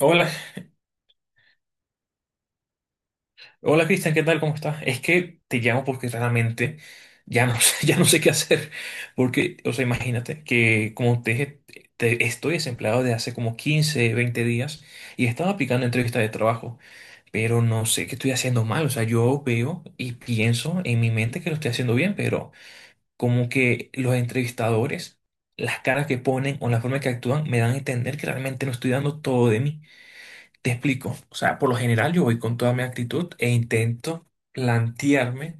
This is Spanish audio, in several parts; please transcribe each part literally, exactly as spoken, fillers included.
Hola, hola Cristian, ¿qué tal? ¿Cómo estás? Es que te llamo porque realmente ya no sé, ya no sé qué hacer. Porque, o sea, imagínate que como te dije, te- estoy desempleado de hace como quince, veinte días y estaba aplicando entrevistas de trabajo, pero no sé qué estoy haciendo mal. O sea, yo veo y pienso en mi mente que lo estoy haciendo bien, pero como que los entrevistadores, las caras que ponen o la forma que actúan me dan a entender que realmente no estoy dando todo de mí. Te explico. O sea, por lo general yo voy con toda mi actitud e intento plantearme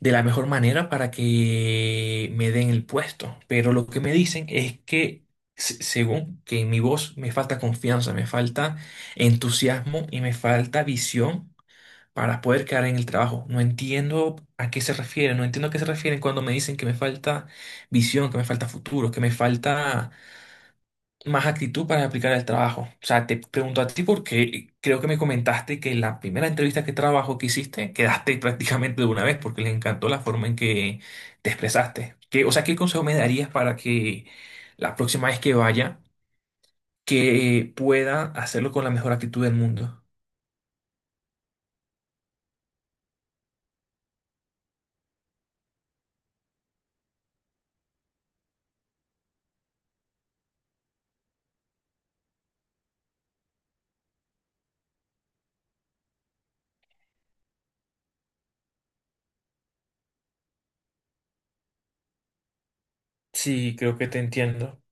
de la mejor manera para que me den el puesto. Pero lo que me dicen es que, se- según que en mi voz me falta confianza, me falta entusiasmo y me falta visión para poder quedar en el trabajo. No entiendo a qué se refieren, no entiendo a qué se refieren cuando me dicen que me falta visión, que me falta futuro, que me falta más actitud para aplicar el trabajo. O sea, te pregunto a ti porque creo que me comentaste que en la primera entrevista que trabajo que hiciste, quedaste prácticamente de una vez porque les encantó la forma en que te expresaste. ¿Qué, o sea, ¿qué consejo me darías para que la próxima vez que vaya, que pueda hacerlo con la mejor actitud del mundo? Sí, creo que te entiendo.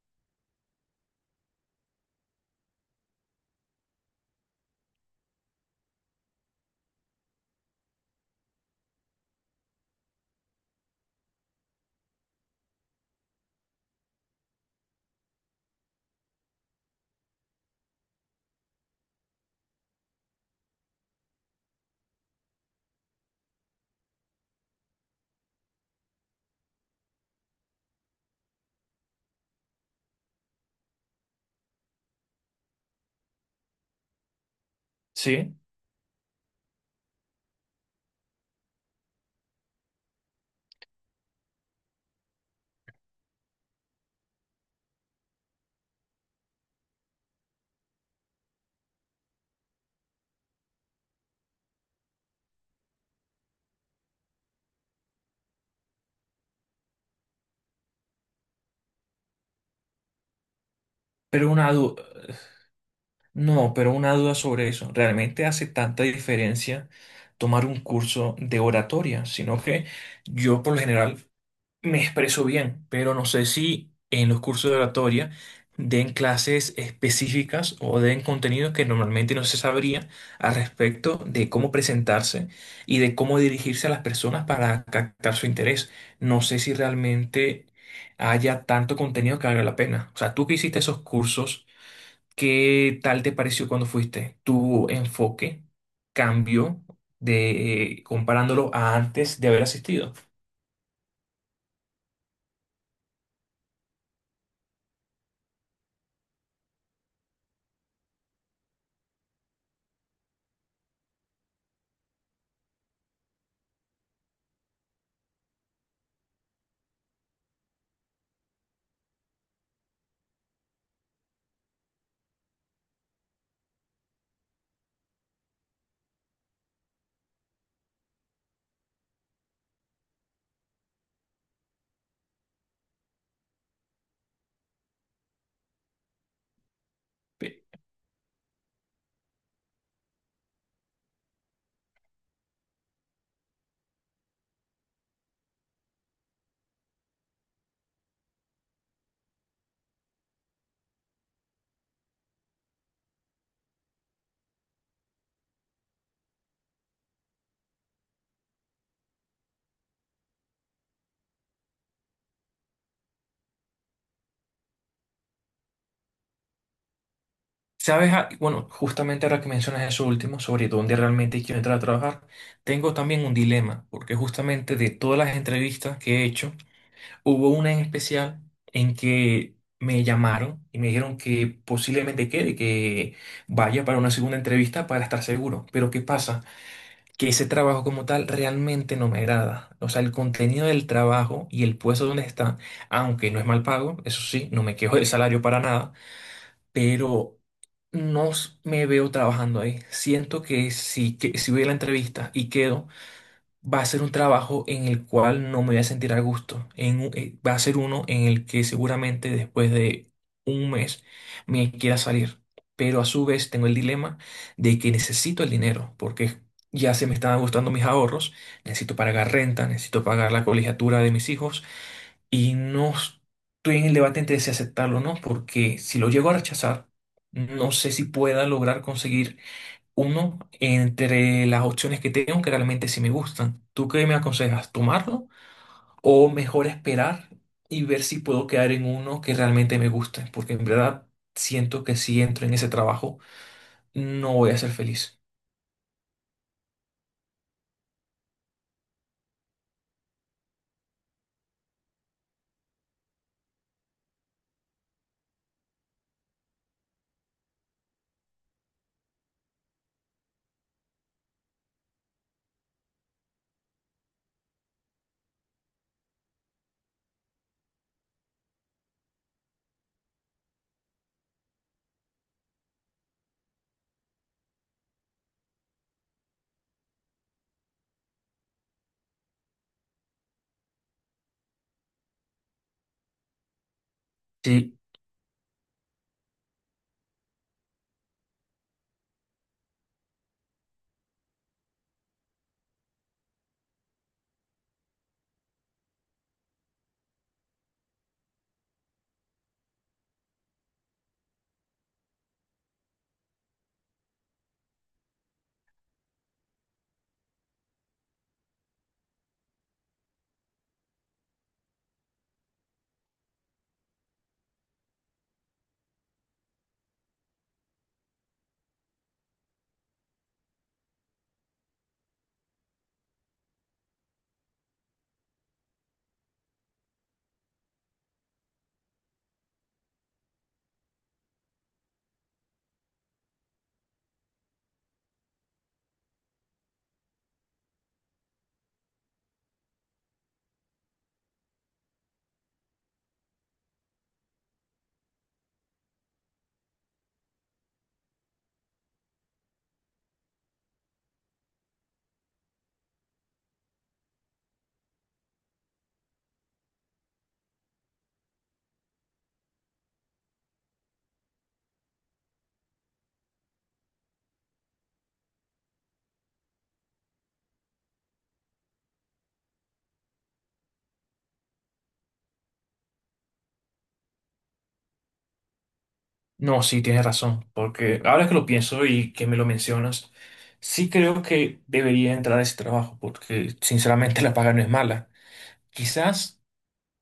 Sí, pero una duda, no, pero una duda sobre eso. ¿Realmente hace tanta diferencia tomar un curso de oratoria? Sino que yo por lo general me expreso bien, pero no sé si en los cursos de oratoria den clases específicas o den contenido que normalmente no se sabría al respecto de cómo presentarse y de cómo dirigirse a las personas para captar su interés. No sé si realmente haya tanto contenido que valga la pena. O sea, tú que hiciste esos cursos, ¿qué tal te pareció cuando fuiste? ¿Tu enfoque cambió de eh, comparándolo a antes de haber asistido? Sabes, ah, bueno, justamente ahora que mencionas eso último sobre dónde realmente quiero entrar a trabajar, tengo también un dilema, porque justamente de todas las entrevistas que he hecho, hubo una en especial en que me llamaron y me dijeron que posiblemente quede, que vaya para una segunda entrevista para estar seguro. Pero ¿qué pasa? Que ese trabajo como tal realmente no me agrada. O sea, el contenido del trabajo y el puesto donde está, aunque no es mal pago, eso sí, no me quejo del salario para nada, pero no s- me veo trabajando ahí. Siento que si, que si voy a la entrevista y quedo, va a ser un trabajo en el cual no me voy a sentir a gusto. En, un- eh, va a ser uno en el que seguramente después de un mes me quiera salir. Pero a su vez tengo el dilema de que necesito el dinero, porque ya se me están gustando mis ahorros, necesito pagar renta, necesito pagar la colegiatura de mis hijos. Y no estoy en el debate entre si aceptarlo o no, porque si lo llego a rechazar, no sé si pueda lograr conseguir uno entre las opciones que tengo que realmente sí me gustan. ¿Tú qué me aconsejas? ¿Tomarlo o mejor esperar y ver si puedo quedar en uno que realmente me guste? Porque en verdad siento que si entro en ese trabajo, no voy a ser feliz. Si. No, sí, tienes razón, porque ahora que lo pienso y que me lo mencionas, sí creo que debería entrar a ese trabajo, porque sinceramente la paga no es mala. Quizás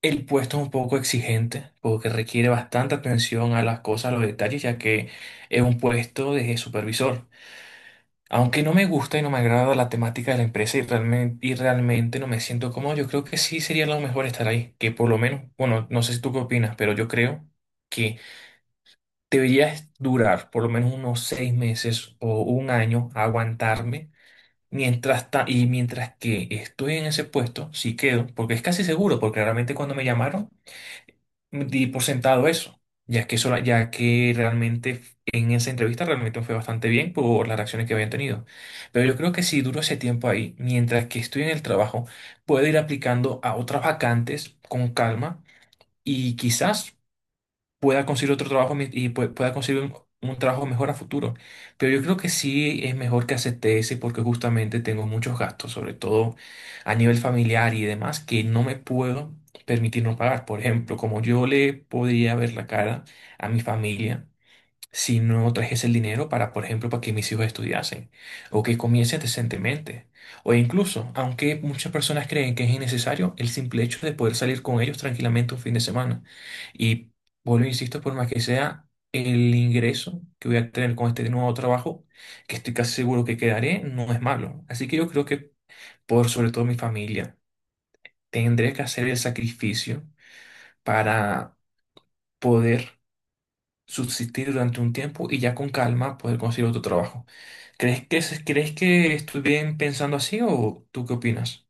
el puesto es un poco exigente, porque requiere bastante atención a las cosas, a los detalles, ya que es un puesto de supervisor. Aunque no me gusta y no me agrada la temática de la empresa y realmente, y realmente no me siento cómodo, yo creo que sí sería lo mejor estar ahí, que por lo menos, bueno, no sé si tú qué opinas, pero yo creo que deberías durar por lo menos unos seis meses o un año, aguantarme. Mientras ta- y mientras que estoy en ese puesto, sí quedo, porque es casi seguro, porque realmente cuando me llamaron di por sentado eso, ya que, sola- ya que realmente en esa entrevista realmente me fue bastante bien por las reacciones que habían tenido. Pero yo creo que si duro ese tiempo ahí, mientras que estoy en el trabajo, puedo ir aplicando a otras vacantes con calma y quizás pueda conseguir otro trabajo mi- y pue- pueda conseguir un, un trabajo mejor a futuro. Pero yo creo que sí es mejor que acepte ese porque justamente tengo muchos gastos, sobre todo a nivel familiar y demás, que no me puedo permitir no pagar. Por ejemplo, como yo le podría ver la cara a mi familia si no trajese el dinero para, por ejemplo, para que mis hijos estudiasen o que comiencen decentemente? O incluso, aunque muchas personas creen que es innecesario, el simple hecho de poder salir con ellos tranquilamente un fin de semana. Y vuelvo, e insisto, por más que sea el ingreso que voy a tener con este nuevo trabajo, que estoy casi seguro que quedaré, no es malo. Así que yo creo que por sobre todo mi familia, tendré que hacer el sacrificio para poder subsistir durante un tiempo y ya con calma poder conseguir otro trabajo. ¿Crees que, se- crees que estoy bien pensando así o tú qué opinas?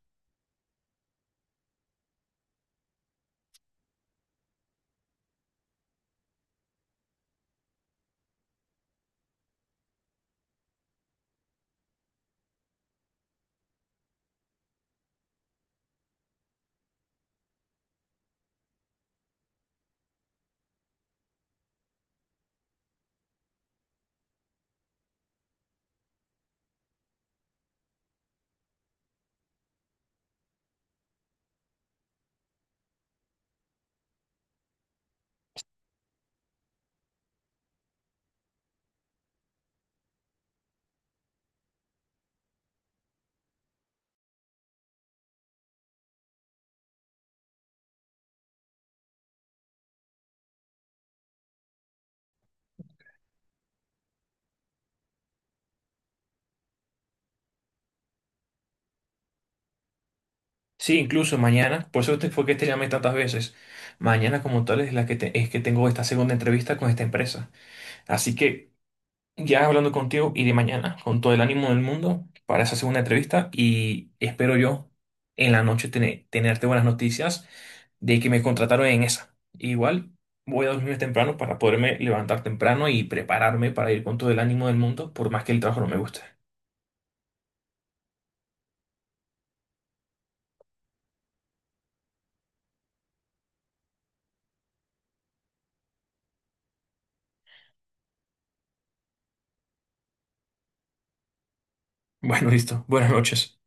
Sí, incluso mañana, por eso te, fue que te llamé tantas veces. Mañana como tal es la que te- es que tengo esta segunda entrevista con esta empresa. Así que ya hablando contigo iré mañana con todo el ánimo del mundo para esa segunda entrevista y espero yo en la noche tener, tenerte buenas noticias de que me contrataron en esa. Igual voy a dormir temprano para poderme levantar temprano y prepararme para ir con todo el ánimo del mundo por más que el trabajo no me guste. Bueno, listo. Buenas noches.